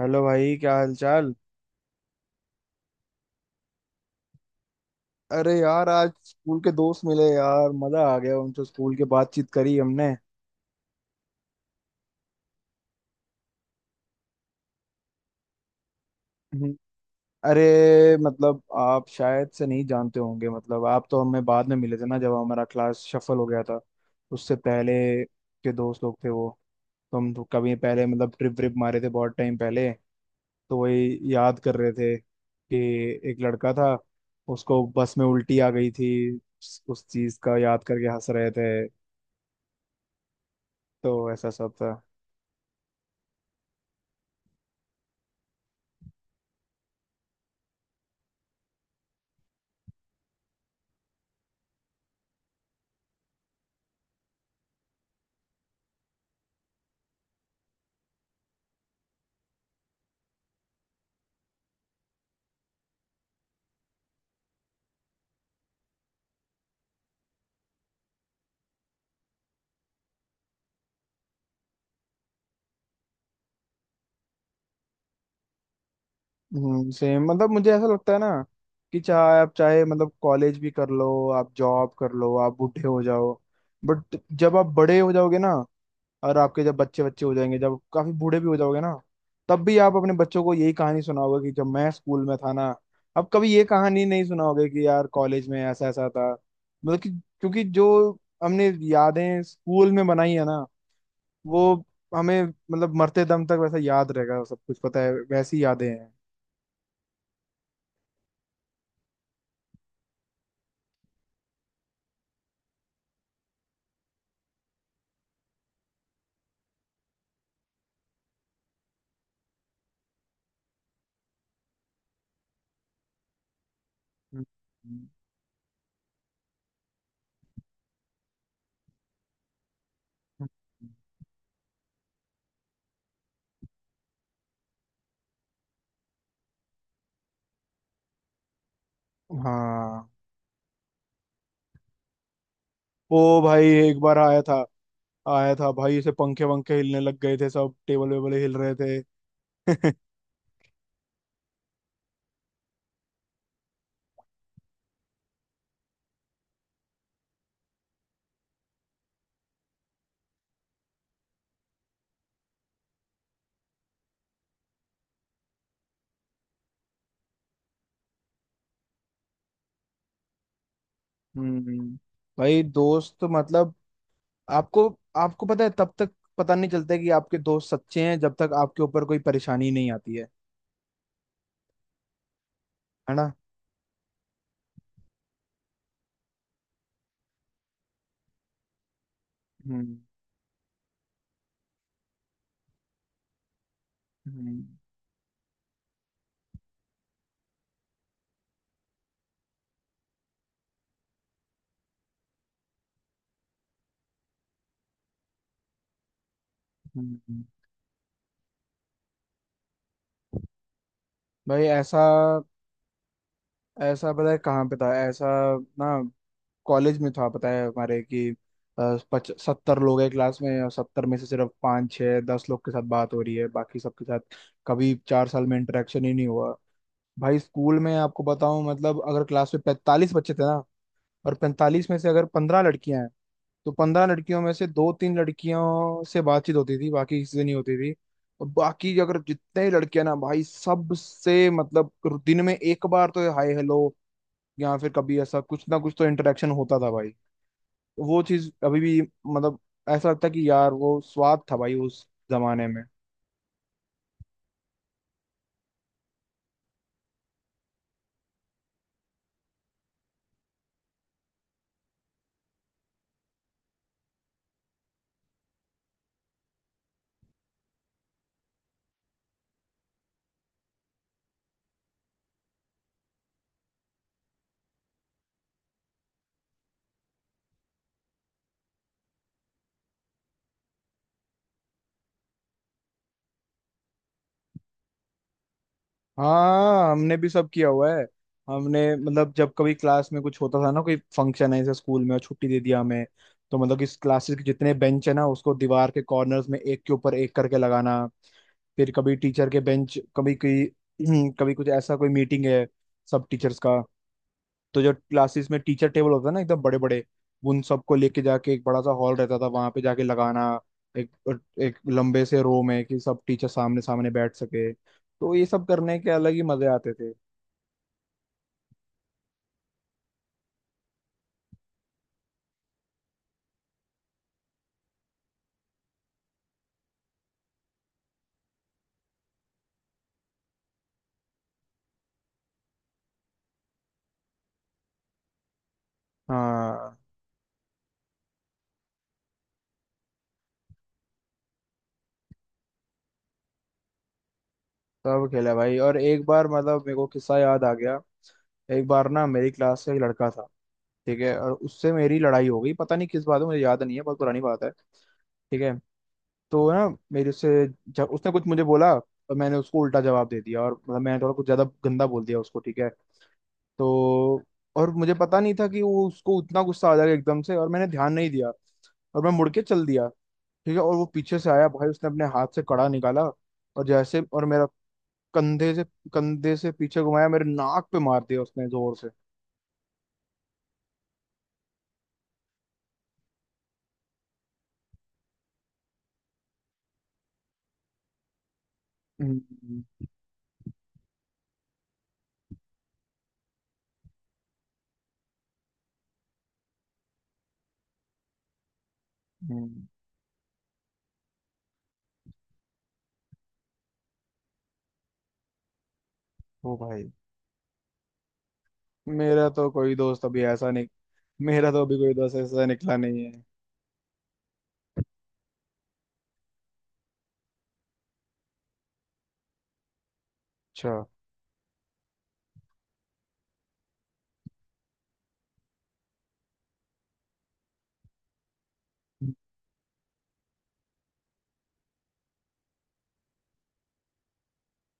Hello भाई, क्या हाल चाल। अरे यार, आज स्कूल के दोस्त मिले यार, मजा आ गया। उनसे स्कूल के बातचीत करी हमने। हम्म। अरे मतलब आप शायद से नहीं जानते होंगे, मतलब आप तो हमें बाद में मिले थे ना, जब हमारा क्लास शफल हो गया था। उससे पहले के दोस्त लोग थे वो। तो हम तो कभी पहले मतलब ट्रिप व्रिप मारे थे, बहुत टाइम पहले। तो वही याद कर रहे थे कि एक लड़का था, उसको बस में उल्टी आ गई थी। उस चीज का याद करके हंस रहे थे। तो ऐसा सब था। हम्म, सेम। मतलब मुझे ऐसा लगता है ना कि चाहे आप, चाहे मतलब कॉलेज भी कर लो, आप जॉब कर लो, आप बूढ़े हो जाओ। बट जब आप बड़े हो जाओगे ना, और आपके जब बच्चे बच्चे हो जाएंगे, जब काफी बूढ़े भी हो जाओगे ना, तब भी आप अपने बच्चों को यही कहानी सुनाओगे कि जब मैं स्कूल में था ना। अब कभी ये कहानी नहीं सुनाओगे कि यार कॉलेज में ऐसा ऐसा था। मतलब कि क्योंकि जो हमने यादें स्कूल में बनाई है ना, वो हमें मतलब मरते दम तक वैसा याद रहेगा सब कुछ। पता है, वैसी यादें हैं। हम्म। हाँ, वो भाई एक बार आया था। आया था भाई, इसे पंखे वंखे हिलने लग गए थे, सब टेबल वेबल हिल रहे थे। हम्म भाई, दोस्त मतलब आपको आपको पता है, तब तक पता नहीं चलता कि आपके दोस्त सच्चे हैं जब तक आपके ऊपर कोई परेशानी नहीं आती है। है ना। हम्म हम्म हम्म। भाई ऐसा, ऐसा पता है कहाँ पे था ऐसा ना, कॉलेज में था पता है हमारे कि पच 70 लोग हैं क्लास में, और 70 में से सिर्फ पाँच छः 10 लोग के साथ बात हो रही है, बाकी सबके साथ कभी 4 साल में इंटरेक्शन ही नहीं हुआ। भाई स्कूल में आपको बताऊं, मतलब अगर क्लास में 45 बच्चे थे ना, और 45 में से अगर 15 लड़कियां हैं, तो 15 लड़कियों में से दो तीन लड़कियों से बातचीत होती थी, बाकी किसी से नहीं होती थी। और बाकी अगर जितने ही लड़कियां ना भाई, सबसे मतलब दिन में एक बार तो हाय हेलो, या फिर कभी ऐसा कुछ ना कुछ तो इंटरेक्शन होता था भाई। वो चीज अभी भी मतलब ऐसा लगता है कि यार, वो स्वाद था भाई उस जमाने में। हाँ, हमने भी सब किया हुआ है। हमने मतलब जब कभी क्लास में कुछ होता था ना, कोई फंक्शन है जैसे स्कूल में और छुट्टी दे दिया हमें, तो मतलब इस क्लासेस के जितने बेंच है ना, उसको दीवार के कॉर्नर्स में एक के ऊपर एक करके लगाना। फिर कभी टीचर के बेंच, कभी कोई कभी कुछ ऐसा, कोई मीटिंग है सब टीचर्स का, तो जो क्लासेस में टीचर टेबल होता है ना, एकदम बड़े बड़े, उन सबको लेके जाके एक बड़ा सा हॉल रहता था, वहां पे जाके लगाना एक एक लंबे से रो में कि सब टीचर सामने सामने बैठ सके, तो ये सब करने के अलग ही मजे आते थे। हाँ, सब खेला भाई, और एक बार मतलब मेरे को किस्सा याद आ गया। एक बार ना मेरी क्लास से एक लड़का था, ठीक है, और उससे मेरी लड़ाई हो गई, पता नहीं किस बात में, मुझे याद नहीं है, बहुत पुरानी बात है, ठीक है। तो ना, मेरे से जब उसने कुछ मुझे बोला, और मैंने उसको उल्टा जवाब दे दिया, और मतलब मैंने थोड़ा कुछ ज्यादा गंदा बोल दिया उसको, ठीक है। तो और मुझे पता नहीं था कि वो उसको उतना गुस्सा आ जाएगा एकदम से, और मैंने ध्यान नहीं दिया, और मैं मुड़ के चल दिया, ठीक है। और वो पीछे से आया भाई, उसने अपने हाथ से कड़ा निकाला, और जैसे और मेरा कंधे से कंधे से पीछे घुमाया, मेरे नाक पे मार दिया उसने जोर से। हम्म हम्म, ओ भाई, मेरा तो कोई दोस्त अभी ऐसा नहीं। मेरा तो अभी कोई दोस्त ऐसा निकला नहीं है। अच्छा।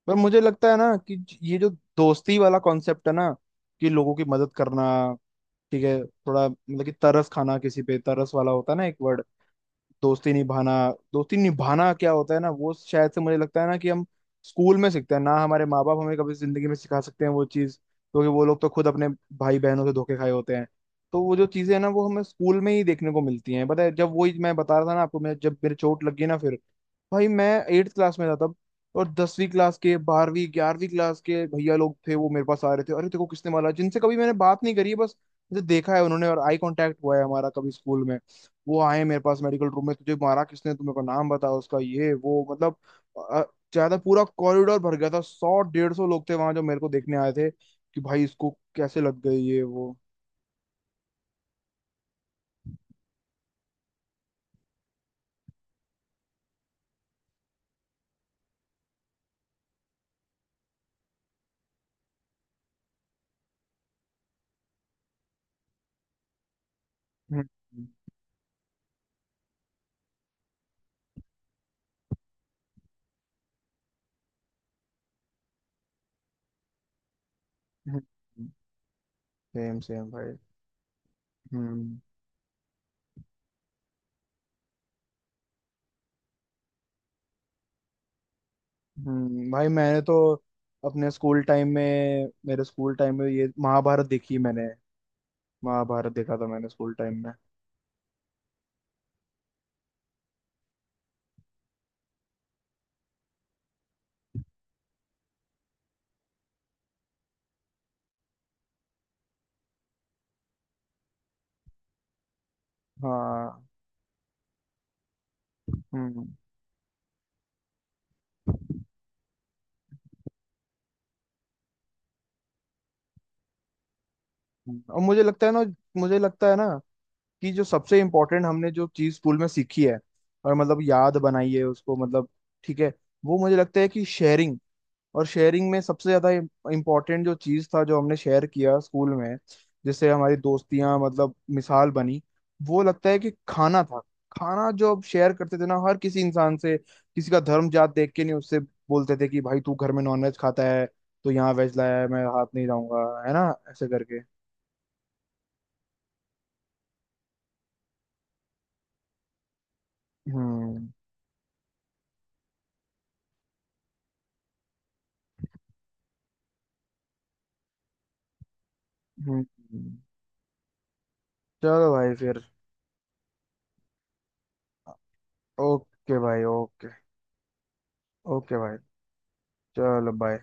पर मुझे लगता है ना कि ये जो दोस्ती वाला कॉन्सेप्ट है ना, कि लोगों की मदद करना, ठीक है, थोड़ा मतलब कि तरस खाना, किसी पे तरस वाला होता है ना, एक वर्ड दोस्ती निभाना। दोस्ती निभाना क्या होता है ना, वो शायद से मुझे लगता है ना कि हम स्कूल में सीखते हैं ना। हमारे माँ बाप हमें कभी जिंदगी में सिखा सकते हैं वो चीज़, क्योंकि वो लोग तो खुद अपने भाई बहनों से धोखे खाए होते हैं। तो वो जो चीज़ें हैं ना, वो हमें स्कूल में ही देखने को मिलती हैं, पता है। जब वही मैं बता रहा था ना आपको, मैं जब मेरे चोट लगी ना, फिर भाई मैं एट्थ क्लास में था तब, और 10वीं क्लास के, 12वीं 11वीं क्लास के भैया लोग थे, वो मेरे पास आ रहे थे, अरे तेरे को किसने मारा, जिनसे कभी मैंने बात नहीं करी है, बस मुझे देखा है उन्होंने और आई कांटेक्ट हुआ है हमारा कभी स्कूल में। वो आए मेरे पास मेडिकल रूम में, तुझे मारा किसने, तुम्हें को नाम बताया उसका, ये वो मतलब अ, ज्यादा पूरा कॉरिडोर भर गया था, 100 150 लोग थे वहां जो मेरे को देखने आए थे कि भाई इसको कैसे लग गई, ये वो। हम्म, सेम सेम भाई। हम्म हम्म, भाई मैंने तो अपने स्कूल टाइम में मेरे स्कूल टाइम में ये महाभारत देखी मैंने। महाभारत देखा था मैंने स्कूल टाइम में। हाँ। हम्म और मुझे लगता है ना, मुझे लगता है ना कि जो सबसे इम्पोर्टेंट हमने जो चीज स्कूल में सीखी है, और मतलब याद बनाई है उसको, मतलब, ठीक है, वो मुझे लगता है कि शेयरिंग। और शेयरिंग में सबसे ज्यादा इम्पोर्टेंट जो चीज था, जो हमने शेयर किया स्कूल में, जिससे हमारी दोस्तियां मतलब मिसाल बनी, वो लगता है कि खाना था। खाना जो अब शेयर करते थे ना हर किसी इंसान से, किसी का धर्म जात देख के नहीं, उससे बोलते थे कि भाई तू घर में नॉनवेज खाता है, तो यहाँ वेज लाया है मैं, हाथ नहीं जाऊंगा, है ना, ऐसे करके। हम्म हम्म हम्म। चलो भाई फिर। ओके भाई, ओके। ओके भाई, चलो बाय।